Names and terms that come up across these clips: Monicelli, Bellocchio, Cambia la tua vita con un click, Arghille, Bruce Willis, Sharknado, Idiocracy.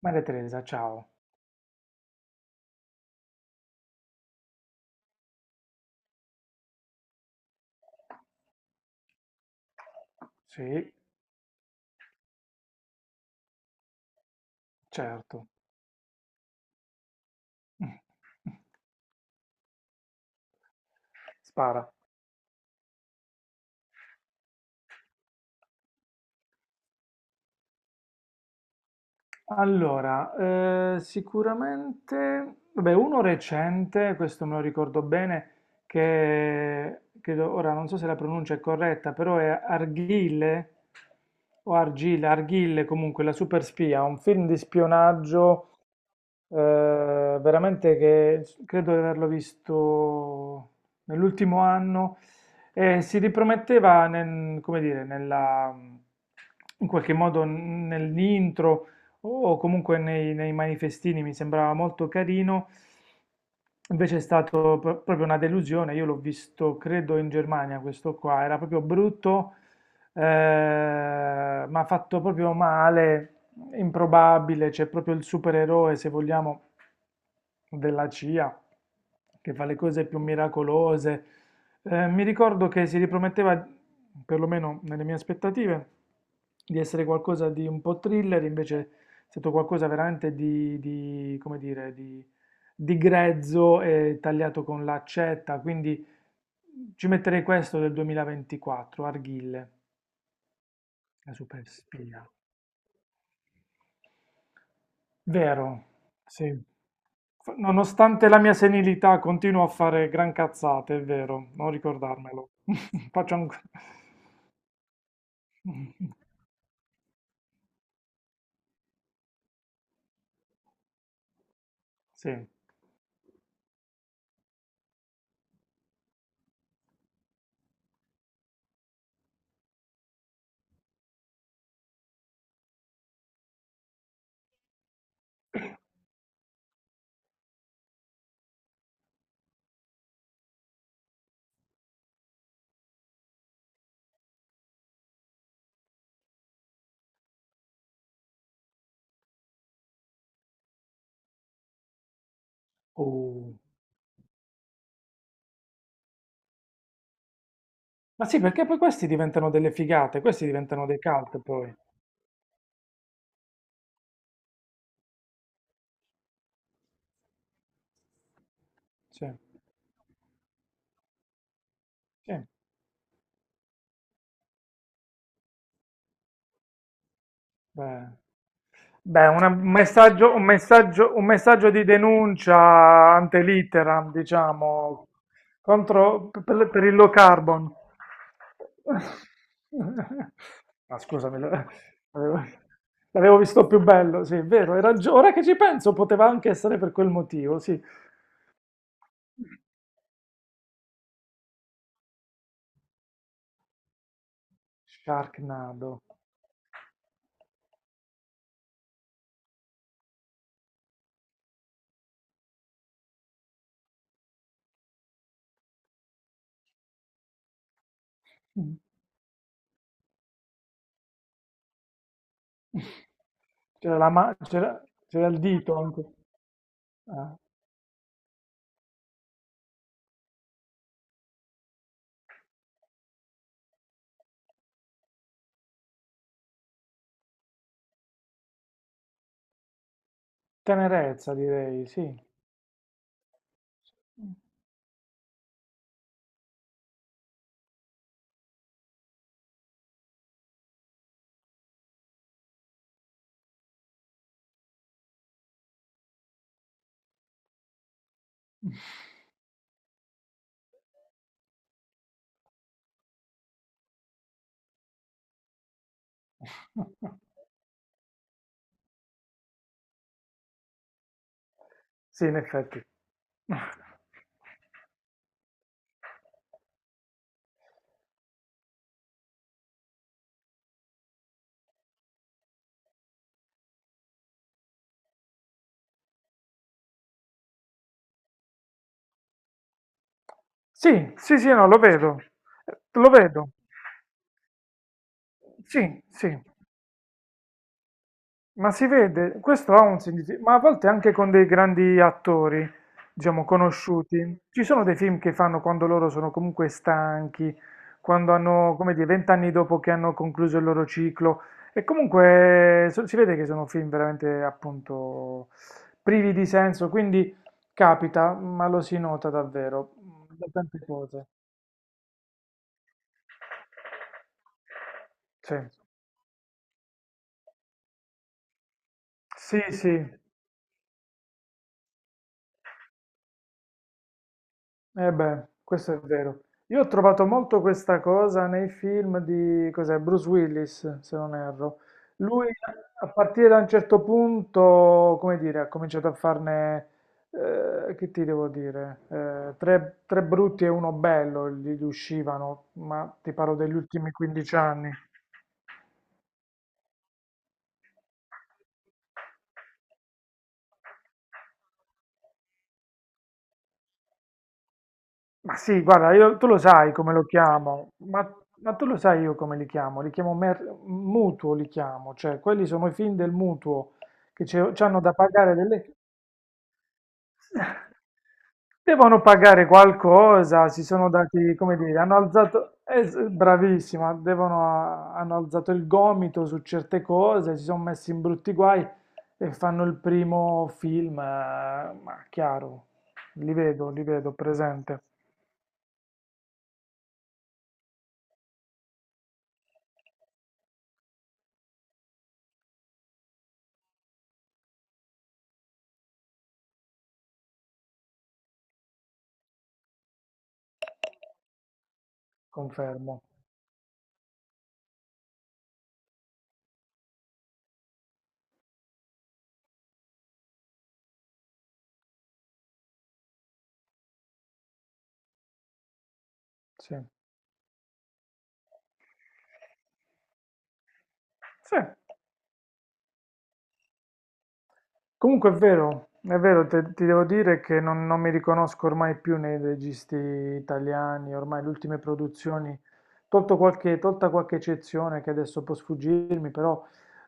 Maria Teresa, ciao. Sì, certo. Spara. Allora, sicuramente, vabbè, uno recente, questo me lo ricordo bene, che credo, ora non so se la pronuncia è corretta, però è Arghile o Argile, Arghille comunque, la super spia, un film di spionaggio veramente credo di averlo visto nell'ultimo anno e si riprometteva come dire, nella, in qualche modo nell'intro o comunque nei manifestini, mi sembrava molto carino. Invece è stato proprio una delusione, io l'ho visto credo in Germania questo qua, era proprio brutto ma fatto proprio male, improbabile, c'è proprio il supereroe, se vogliamo, della CIA, che fa le cose più miracolose. Mi ricordo che si riprometteva, perlomeno nelle mie aspettative, di essere qualcosa di un po' thriller, invece è stato qualcosa veramente come dire, di grezzo e tagliato con l'accetta, quindi ci metterei questo del 2024, Arghille. La superspia. Vero, sì. Nonostante la mia senilità, continuo a fare gran cazzate, è vero, non ricordarmelo. Faccio un... Sì. Oh. Ma sì, perché poi questi diventano delle figate, questi diventano dei cult poi. Sì. Sì, beh. Beh, un messaggio di denuncia ante litteram, diciamo, contro, per il low carbon. Ma scusami, l'avevo l'avevo visto più bello, sì, è vero. Ora che ci penso, poteva anche essere per quel motivo, sì. Sharknado. Mm. C'era la ma- c'era, c'era il dito anche. Ah, tenerezza, direi, sì. Sì, in effetti. Sì, sì, sì, no, lo vedo. Lo vedo. Sì, sì. Ma si vede, questo ha un significato, ma a volte anche con dei grandi attori, diciamo, conosciuti. Ci sono dei film che fanno quando loro sono comunque stanchi, quando hanno, come dire, vent'anni dopo che hanno concluso il loro ciclo. E comunque si vede che sono film veramente, appunto, privi di senso, quindi capita, ma lo si nota davvero, da tante cose. Sì, sì, sì, eh beh, questo è vero. Io ho trovato molto questa cosa nei film di, cos'è, Bruce Willis, se non erro. Lui a partire da un certo punto, come dire, ha cominciato a farne, che ti devo dire, tre brutti e uno bello gli uscivano, ma ti parlo degli ultimi 15 anni. Ma sì, guarda, tu lo sai come lo chiamo, ma, tu lo sai io come li chiamo? Li chiamo mutuo, li chiamo, cioè quelli sono i film del mutuo che ci hanno da pagare delle... Devono pagare qualcosa, si sono dati, come dire, hanno alzato, bravissima, devono, hanno alzato il gomito su certe cose, si sono messi in brutti guai e fanno il primo film, ma chiaro, li vedo, presente, confermo. Sì. Sì. Comunque è vero, ti devo dire che non mi riconosco ormai più nei registi italiani, ormai le ultime produzioni, tolto qualche, tolta qualche eccezione che adesso può sfuggirmi, però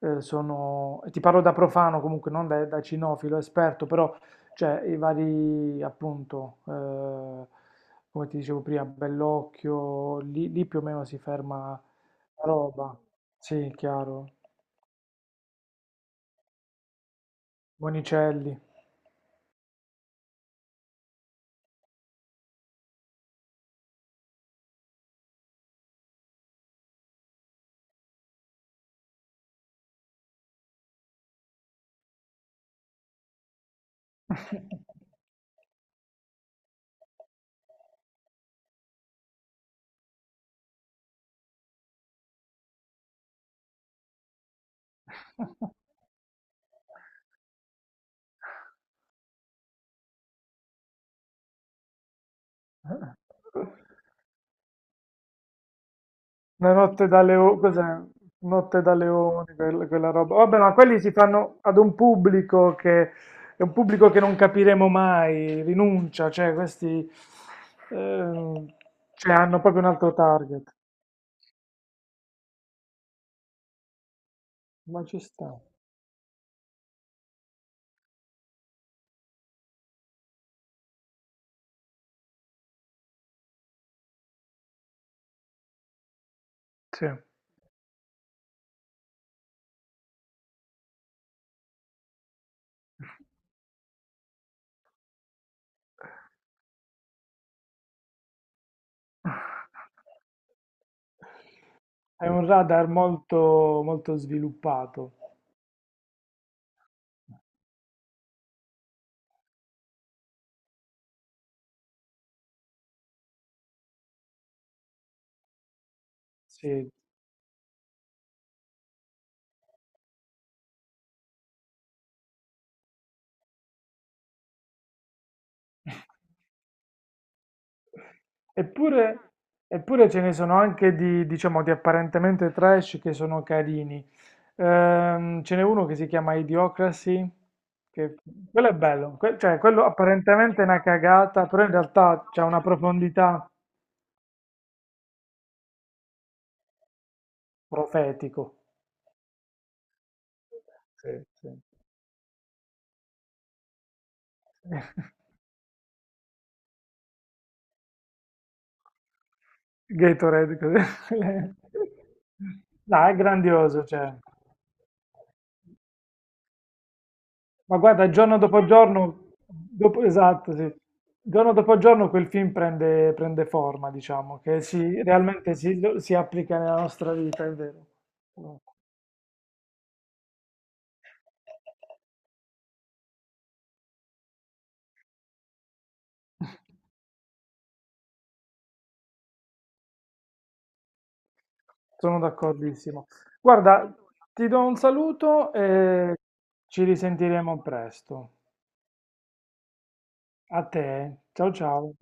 sono, e ti parlo da profano comunque, non da cinofilo esperto, però cioè, i vari appunto, come ti dicevo prima, Bellocchio, lì più o meno si ferma la roba, sì, chiaro, Monicelli. Una notte da leone, cos'è? Notte da leoni, quella roba. Vabbè, ma quelli si fanno ad un pubblico che è un pubblico che non capiremo mai, rinuncia, cioè questi ehm, cioè, hanno proprio un altro target. Ma ci sta. Sì. È un radar molto, molto sviluppato. Sì. Eppure, eppure ce ne sono anche di, diciamo, di apparentemente trash che sono carini. Ce n'è uno che si chiama Idiocracy, che quello è bello, cioè quello apparentemente è una cagata, però in realtà c'è una profondità profetico. Sì, sì. Gatorade, così. No, è grandioso, cioè. Ma guarda, giorno dopo giorno, esatto, sì. Giorno dopo giorno quel film prende, prende forma, diciamo, che si, realmente si, si applica nella nostra vita, è vero. Sono d'accordissimo. Guarda, ti do un saluto e ci risentiremo presto. A te, ciao ciao.